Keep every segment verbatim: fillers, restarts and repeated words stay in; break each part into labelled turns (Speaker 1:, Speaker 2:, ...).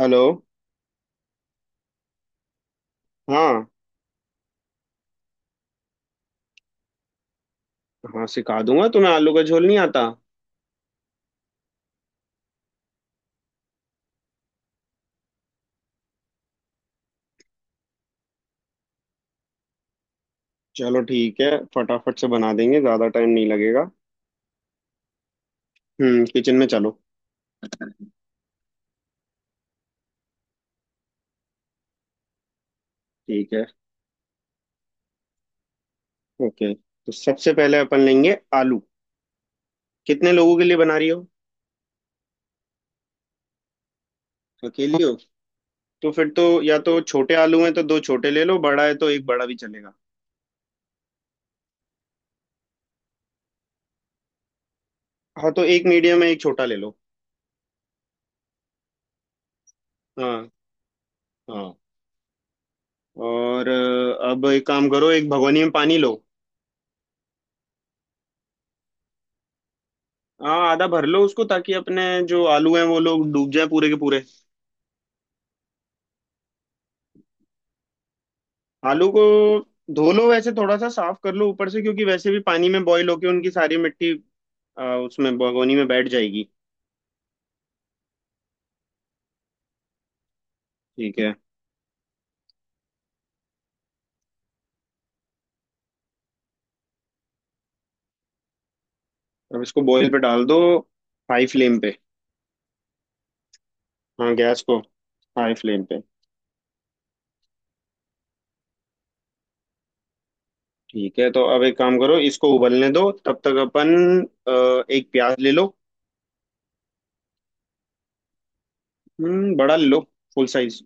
Speaker 1: Hello. हाँ। हाँ, सिखा दूंगा। तुम्हें आलू का झोल नहीं आता। चलो ठीक है। फटाफट से बना देंगे, ज्यादा टाइम नहीं लगेगा। हम्म किचन में चलो। ठीक है। ओके, तो सबसे पहले अपन लेंगे आलू। कितने लोगों के लिए बना रही हो? अकेली हो? तो फिर तो या तो छोटे आलू हैं तो दो छोटे ले लो, बड़ा है तो एक बड़ा भी चलेगा। हाँ, तो एक मीडियम है एक छोटा ले लो। हाँ। हाँ, और अ, अब एक काम करो, एक भगोनी में पानी लो। हाँ, आधा भर लो उसको ताकि अपने जो आलू हैं वो लोग डूब जाए पूरे के पूरे। आलू को धो लो, वैसे थोड़ा सा साफ कर लो ऊपर से क्योंकि वैसे भी पानी में बॉईल होके उनकी सारी मिट्टी अ, उसमें भगोनी में बैठ जाएगी। ठीक है। अब इसको बॉईल पे डाल दो, हाई फ्लेम पे। हाँ, गैस को हाई फ्लेम पे। ठीक है, तो अब एक काम करो, इसको उबलने दो। तब तक अपन अ, एक प्याज ले लो। हम्म बड़ा ले लो, फुल साइज।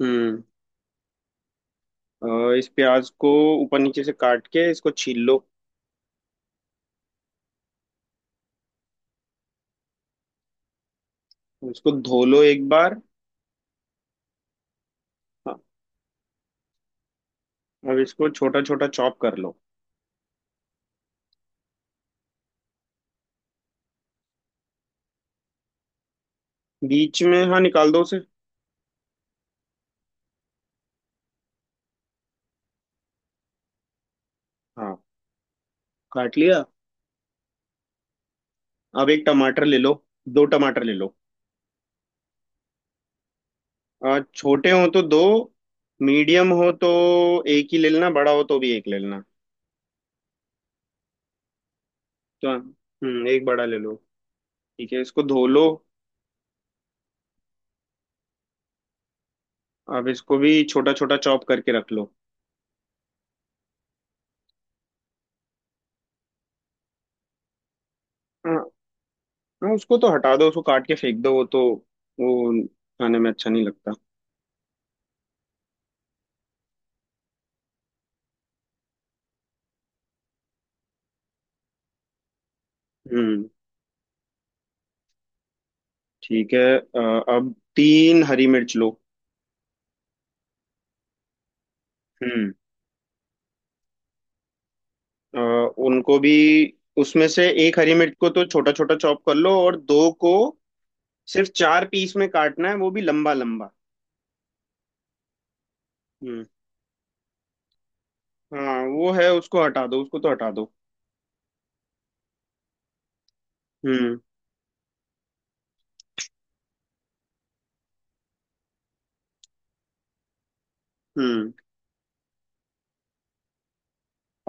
Speaker 1: हम्म अ, इस प्याज को ऊपर नीचे से काट के इसको छील लो। इसको धो लो एक बार। हाँ, अब इसको छोटा छोटा चॉप कर लो। बीच में हाँ, निकाल दो उसे। हाँ, काट लिया। अब एक टमाटर ले लो, दो टमाटर ले लो। आ, छोटे हो तो दो, मीडियम हो तो एक ही ले लेना, बड़ा हो तो भी एक ले लेना। तो हम्म एक बड़ा ले लो। ठीक है, इसको धो लो। अब इसको भी छोटा छोटा चॉप करके रख लो। हाँ। हाँ, उसको तो हटा दो, उसको काट के फेंक दो। वो तो वो खाने में अच्छा नहीं लगता। हम्म। ठीक है। अ, अब तीन हरी मिर्च लो। हम्म अ, उनको भी उसमें से एक हरी मिर्च को तो छोटा छोटा चॉप कर लो और दो को सिर्फ चार पीस में काटना है, वो भी लंबा लंबा। हम्म। हाँ, वो है, उसको हटा दो, उसको तो हटा दो। हम्म। हम्म।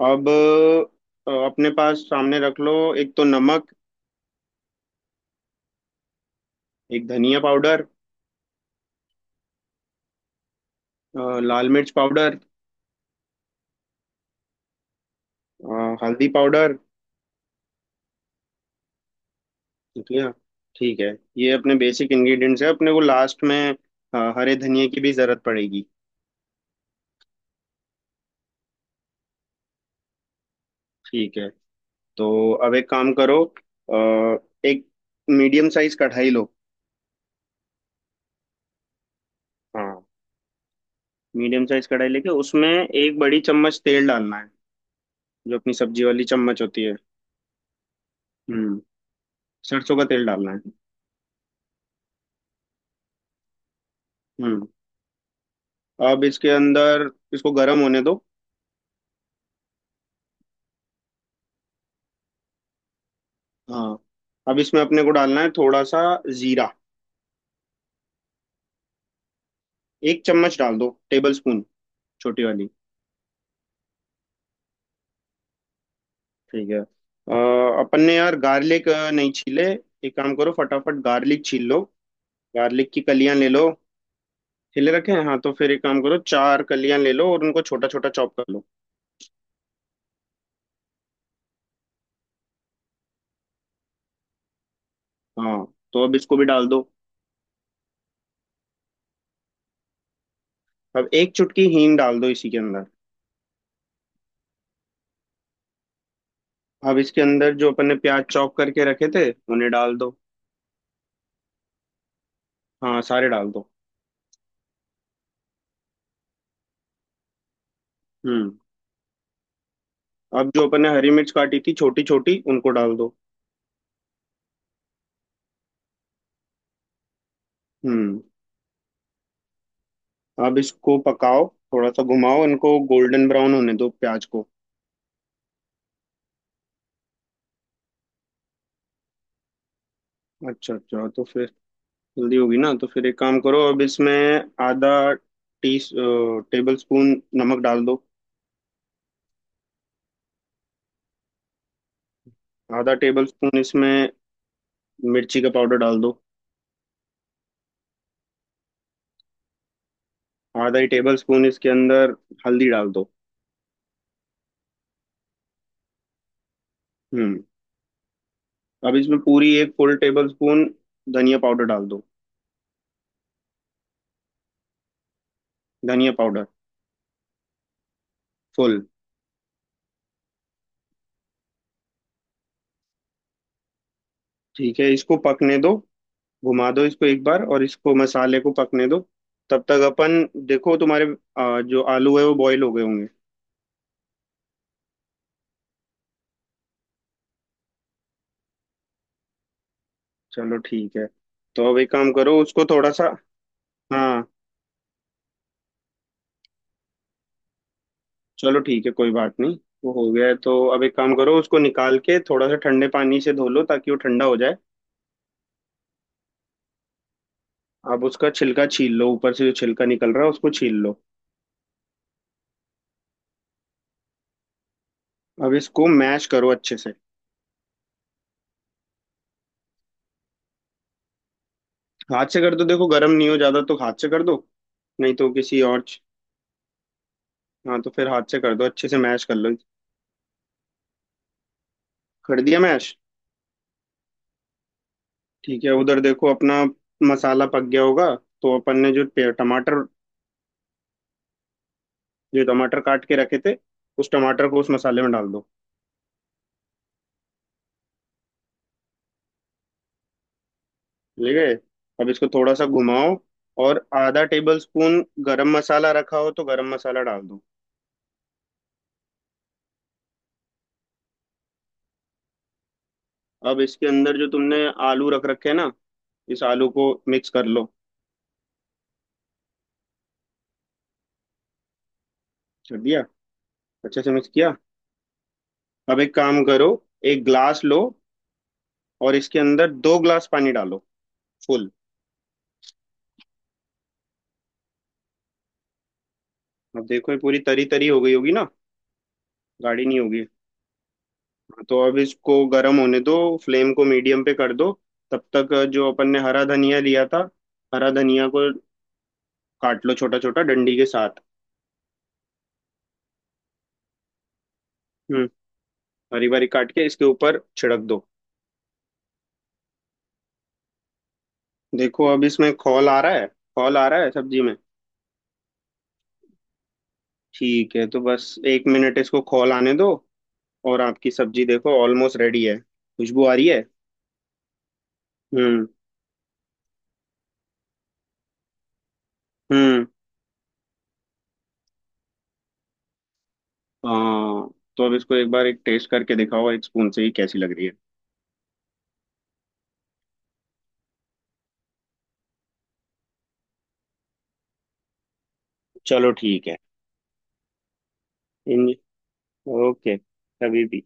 Speaker 1: अब अ, अपने पास सामने रख लो। एक तो नमक। एक धनिया पाउडर। अ, लाल मिर्च पाउडर। अ, हल्दी पाउडर। ठीक है। ठीक है। ये अपने बेसिक इंग्रेडिएंट्स है, अपने को लास्ट में अ, हरे धनिए की भी जरूरत पड़ेगी। ठीक है, तो अब एक काम करो, अ, एक मीडियम साइज कढ़ाई लो। हाँ, मीडियम साइज कढ़ाई लेके उसमें एक बड़ी चम्मच तेल डालना है। जो अपनी सब्जी वाली चम्मच होती है। हम्म सरसों का तेल डालना है। हम्म अब इसके अंदर इसको गर्म होने दो। हाँ, अब इसमें अपने को डालना है थोड़ा सा जीरा। एक चम्मच डाल दो, टेबल स्पून, छोटी वाली। ठीक है। अ, अपन ने यार गार्लिक नहीं छीले। एक काम करो फटाफट गार्लिक छील लो। गार्लिक की कलियां ले लो। छिले रखे हैं, हाँ, तो फिर एक काम करो चार कलियां ले लो और उनको छोटा छोटा चॉप कर लो। हाँ, तो अब इसको भी डाल दो। अब एक चुटकी हींग डाल दो इसी के अंदर। अब इसके अंदर जो अपन ने प्याज चॉप करके रखे थे उन्हें डाल दो। हाँ, सारे डाल दो। हम्म अब जो अपन ने हरी मिर्च काटी थी छोटी छोटी, उनको डाल दो। हम्म अब इसको पकाओ, थोड़ा सा घुमाओ, इनको गोल्डन ब्राउन होने दो, प्याज को। अच्छा, अच्छा, तो फिर। जल्दी होगी ना, तो फिर एक काम करो, अब इसमें आधा टी टेबल स्पून नमक डाल दो। आधा टेबल स्पून इसमें मिर्ची का पाउडर डाल दो। आधा ही टेबल स्पून इसके अंदर हल्दी डाल दो। हम्म अब इसमें पूरी एक फुल टेबल स्पून धनिया पाउडर डाल दो। धनिया पाउडर। फुल। ठीक है, इसको पकने दो, घुमा दो इसको एक बार, और इसको मसाले को पकने दो। तब तक अपन देखो तुम्हारे आ, जो आलू है वो बॉईल हो गए होंगे। चलो ठीक है, तो अब एक काम करो, उसको थोड़ा सा। हाँ, चलो ठीक है, कोई बात नहीं। वो हो गया है तो अब एक काम करो, उसको निकाल के थोड़ा सा ठंडे पानी से धो लो ताकि वो ठंडा हो जाए। अब उसका छिलका छील लो, ऊपर से जो छिलका निकल रहा है उसको छील लो। अब इसको मैश करो अच्छे से। हाथ से कर दो, देखो गर्म नहीं हो ज्यादा तो हाथ से कर दो, नहीं तो किसी और च- हाँ, तो फिर हाथ से कर दो, अच्छे से मैश कर लो। कर दिया मैश। ठीक है, उधर देखो अपना मसाला पक गया होगा। तो अपन ने जो पे- टमाटर, जो टमाटर काट के रखे थे उस टमाटर को उस मसाले में डाल दो। ठीक है, अब इसको थोड़ा सा घुमाओ। और आधा टेबल स्पून गरम मसाला रखा हो तो गरम मसाला डाल दो। अब इसके अंदर जो तुमने आलू रख रखे हैं ना, इस आलू को मिक्स कर लो। कर दिया, अच्छे से मिक्स किया। अब एक काम करो, एक ग्लास लो। और इसके अंदर दो ग्लास पानी डालो, फुल। अब देखो ये पूरी तरी तरी हो गई होगी ना, गाढ़ी नहीं होगी। हाँ, तो अब इसको गर्म होने दो, फ्लेम को मीडियम पे कर दो। तब तक जो अपन ने हरा धनिया लिया था, हरा धनिया को काट लो, छोटा छोटा डंडी के साथ। हम्म हरी बारी काट के इसके ऊपर छिड़क दो। देखो अब इसमें खौल आ रहा है, खौल आ रहा है सब्जी में। ठीक है, तो बस एक मिनट इसको खौल आने दो। और आपकी सब्जी देखो ऑलमोस्ट रेडी है, खुशबू आ रही है। हम्म। हम्म। हाँ, तो अब इसको एक बार एक टेस्ट करके दिखाओ, एक स्पून से ही कैसी लग रही है। चलो ठीक है। इन ओके, कभी भी।